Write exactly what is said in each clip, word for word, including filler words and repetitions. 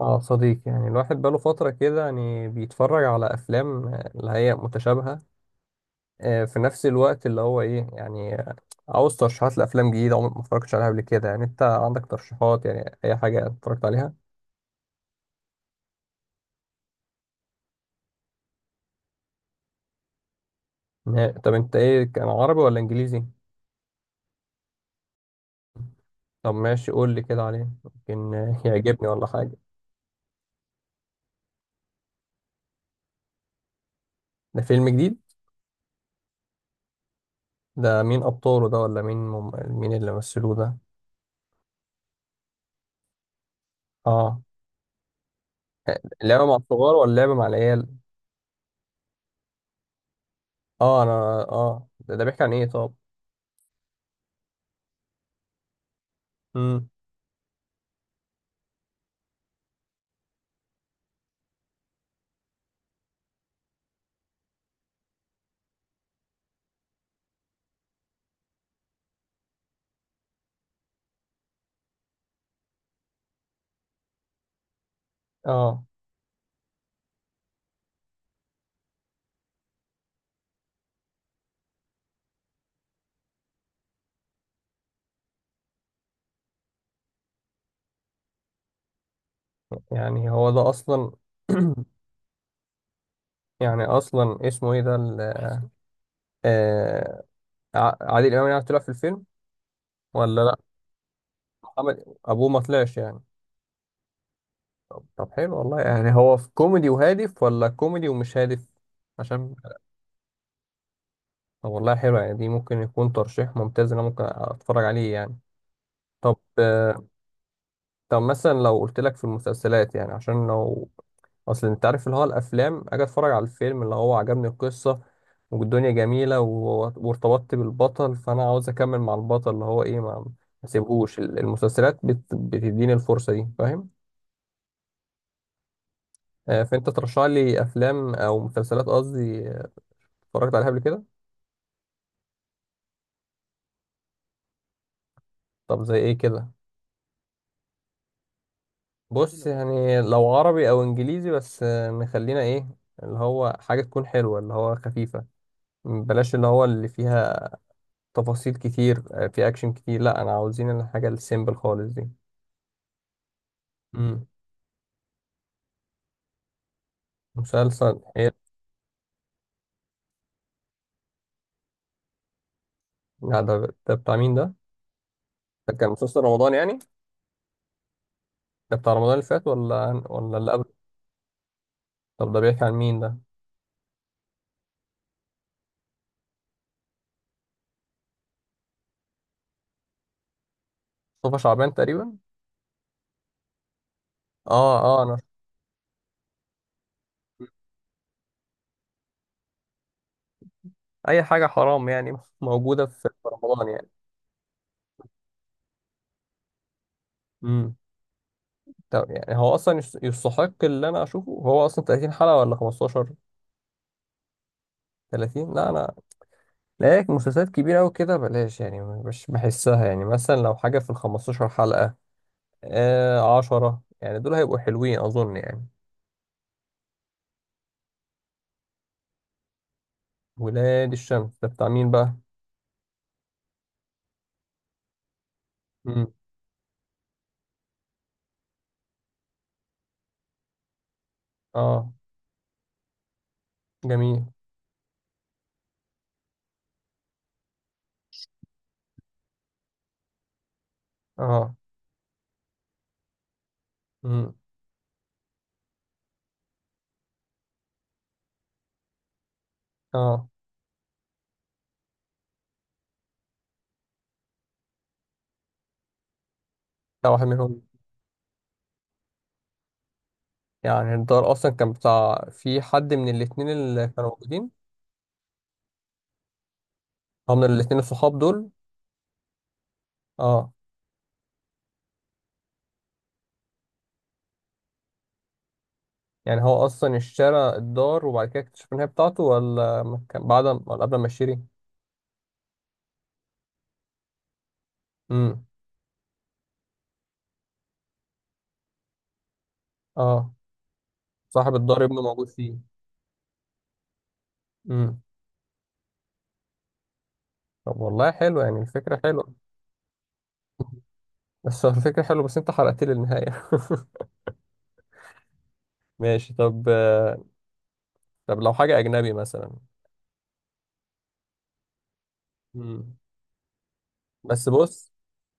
اه صديق يعني الواحد بقاله فترة كده يعني بيتفرج على أفلام آه، اللي هي متشابهة. آه، في نفس الوقت اللي هو إيه يعني آه، عاوز ترشيحات لأفلام جديدة عمري ما اتفرجتش عليها قبل كده. يعني أنت عندك ترشيحات؟ يعني أي حاجة اتفرجت عليها؟ ما- طب أنت إيه، كان عربي ولا إنجليزي؟ طب ماشي، قول لي كده عليه يمكن آه، يعجبني ولا حاجة. ده فيلم جديد؟ ده مين أبطاله ده، ولا مين مم... مين اللي مثلوه ده؟ اه. آه، لعبة مع الصغار ولا لعبة مع العيال؟ اه أنا. اه ده, ده بيحكي عن إيه طب؟ امم. اه يعني هو ده اصلا. يعني اصلا اسمه ايه ده ال- آه ع- عادل امام يعني طلع في الفيلم ولا لا؟ محمد ابوه ما طلعش يعني؟ طب, طب حلو والله. يعني هو في كوميدي وهادف ولا كوميدي ومش هادف؟ عشان. طب والله حلو. يعني دي ممكن يكون ترشيح ممتاز، إن انا ممكن اتفرج عليه يعني. طب آه، طب مثلا لو قلت لك في المسلسلات، يعني عشان لو اصل انت عارف اللي هو الافلام، اجي اتفرج على الفيلم اللي هو عجبني القصه والدنيا جميله و- وارتبطت بالبطل، فانا عاوز اكمل مع البطل اللي هو ايه، ما ما سيبهوش ال- المسلسلات بت... بتديني الفرصه دي، فاهم؟ آه، فانت ترشح لي افلام او مسلسلات، قصدي آه، اتفرجت عليها قبل كده. طب زي ايه كده؟ بص يعني لو عربي او انجليزي، بس آه، نخلينا ايه، اللي هو حاجه تكون حلوه اللي هو خفيفه. بلاش اللي هو اللي فيها تفاصيل كتير، آه، في اكشن كتير. لا، انا عاوزين الحاجه السيمبل خالص دي. امم. مسلسل ايه؟ لا، ده ده بتاع مين ده؟ ده كان مسلسل رمضان يعني؟ ده بتاع رمضان اللي فات ولا ولا اللي قبل؟ طب ده بيحكي عن مين ده؟ مصطفى شعبان تقريبا. اه اه انا. اي حاجه حرام يعني موجوده في في رمضان يعني. امم. طب يعني هو اصلا يس- يستحق اللي انا اشوفه؟ هو اصلا تلاتين حلقه ولا خمسة عشر؟ تلاتين لا، انا لايك مسلسلات كبيره قوي كده بلاش. يعني مش بحسها. يعني مثلا لو حاجه في ال خمسة عشر حلقه، آه عشرة، يعني دول هيبقوا حلوين أظن يعني. ولاد الشمس ده بتاع مين بقى؟ مم. اه. جميل. اه. مم. اه ده واحد منهم؟ يعني الدار أصلا كان بتاع في حد من الاتنين اللي كانوا موجودين؟ هو من الاتنين الصحاب دول؟ اه. يعني هو أصلا اشترى الدار وبعد كده اكتشف إن هي بتاعته، ولا ما كان بعد ما- ولا قبل ما يشتري؟ مم. اه. صاحب الدار ابنه موجود فيه؟ مم. طب والله حلو، يعني الفكرة حلوة. بس الفكرة حلوة، بس أنت حرقت لي النهاية. ماشي طب آه، طب لو حاجة أجنبي مثلا. مم. بس بص،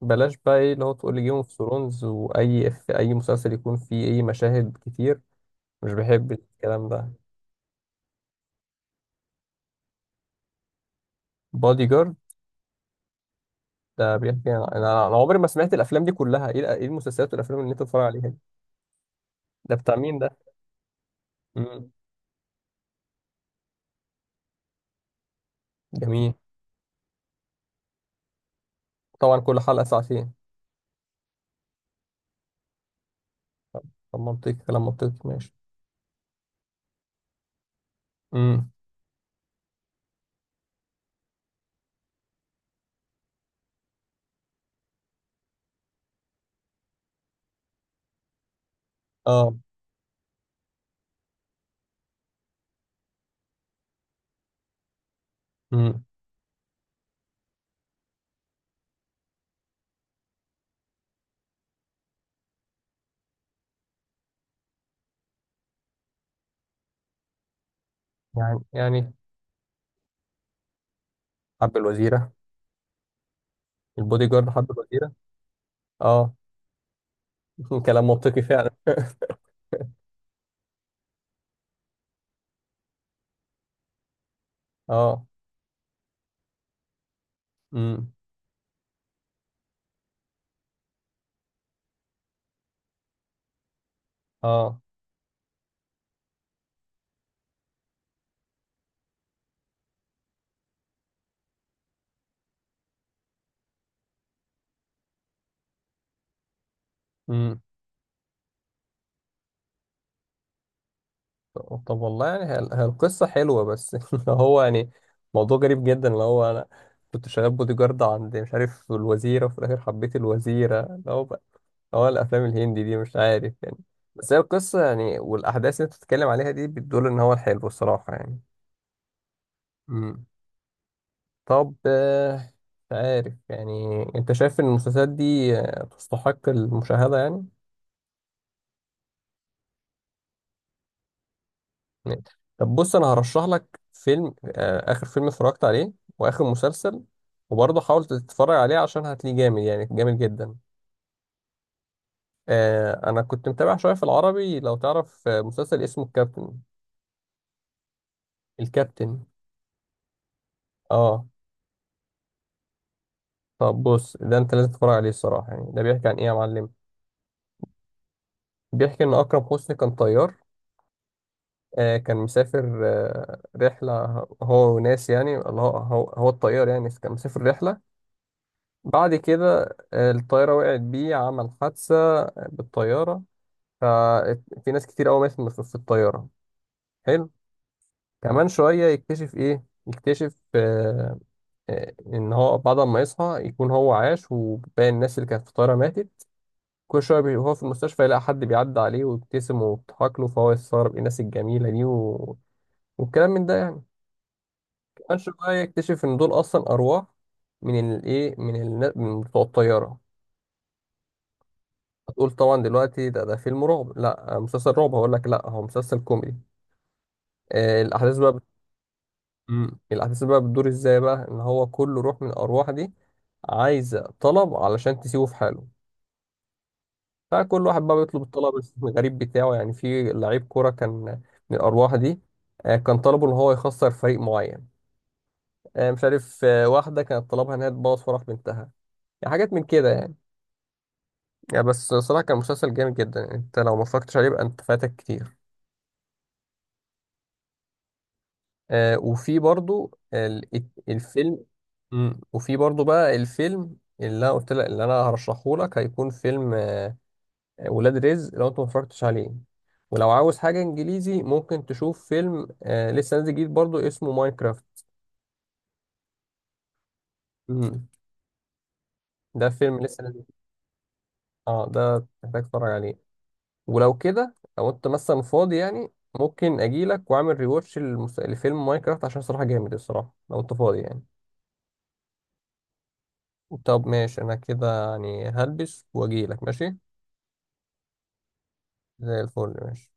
بلاش بقى إيه اللي هو تقول لي جيم اوف ثرونز، وأي في أي مسلسل يكون فيه إيه مشاهد كتير. مش بحب الكلام ده. بادي جارد؟ ده بيحكي عن- أنا أنا عمري ما سمعت الأفلام دي كلها. إيه الأ- إيه المسلسلات والأفلام اللي أنت بتتفرج عليها دي؟ ده بتاع مين ده؟ مم. جميل. طبعا كل حلقة ساعتين؟ طب منطقي، كلام منطقي ماشي. مم. آه. مم. يعني يعني حب الوزيرة. البودي جارد حب الوزيرة؟ آه. كلام منطقي فعلا. اه. امم. اه. امم. طب طب والله، يعني هي هي القصة حلوة بس اللي هو يعني موضوع غريب جدا. اللي هو انا كنت شغال بودي جارد عند مش عارف الوزيرة، وفي الآخر حبيت الوزيرة، اللي هو بقى هو الأفلام الهندي دي مش عارف يعني. بس هي القصة يعني والأحداث اللي أنت بتتكلم عليها دي بتدل إن هو الحلو الصراحة يعني. امم. طب آه، مش عارف يعني، أنت شايف إن المسلسلات دي آه، تستحق المشاهدة يعني؟ اتنين. طب بص، انا هرشح لك فيلم آه، اخر فيلم اتفرجت عليه واخر مسلسل. وبرضه حاول تتفرج عليه، عشان هتلاقيه جامد يعني جامد جدا. آه انا كنت متابع شويه في العربي، لو تعرف آه، مسلسل اسمه الكابتن. الكابتن. اه. طب بص، ده انت لازم تتفرج عليه الصراحه. يعني ده بيحكي عن ايه يا معلم؟ بيحكي ان اكرم حسني كان طيار. آه كان مسافر آه رحله، هو وناس، يعني اللي هو هو, هو الطيار يعني كان مسافر رحله. بعد كده آه، الطيارة وقعت بيه، عمل حادثة بالطيارة. ففي ناس كتير قوي ماتت في في الطيارة. حلو. كمان شوية يكتشف إيه، يكتشف آه، آه، إن هو بعد ما يصحى يكون هو عاش وباقي الناس اللي كانت في الطيارة ماتت. كل شوية بي- وهو في المستشفى يلاقي حد بيعدي عليه ويبتسم ويضحك له، فهو يستغرب إيه الناس الجميلة دي و... والكلام من ده يعني. كمان شوية يكتشف إن دول أصلا أرواح من الإيه، من, النا- من بتوع الطيارة. هتقول طبعا دلوقتي ده ده فيلم رعب؟ لا، آه، مسلسل رعب؟ هقول لك لا، هو مسلسل كوميدي. آه الاحداث بقى بت... مم. الاحداث بقى بتدور ازاي بقى؟ ان هو كل روح من الارواح دي عايزه طلب علشان تسيبه في حاله. فكل واحد بقى بيطلب الطلب الغريب بتاعه يعني. في لعيب كوره كان من الارواح دي آه كان طلبه ان هو يخسر فريق معين. آه مش عارف، آه واحده كانت طلبها انها تبوظ فرح بنتها. يعني حاجات من كده يعني. يعني بس صراحه كان مسلسل جامد جدا يعني، انت لو ما اتفرجتش عليه يبقى انت فاتك كتير. آه وفي برضو ال- الت- الفيلم. مم. وفي برضو بقى الفيلم اللي انا قلت لك اللي انا هرشحه لك هيكون فيلم آه، ولاد رزق، لو انت ما اتفرجتش عليه. ولو عاوز حاجة انجليزي، ممكن تشوف فيلم آه لسه نازل جديد برضو، اسمه ماينكرافت. مم. ده فيلم لسه نازل. اه ده محتاج تتفرج عليه. ولو كده لو انت مثلا فاضي يعني، ممكن اجيلك واعمل ريواتش للمس- لفيلم ماينكرافت، عشان صراحة جامد. الصراحة لو انت فاضي يعني. طب ماشي، انا كده يعني هلبس واجيلك ماشي. زي الفل. ماشي.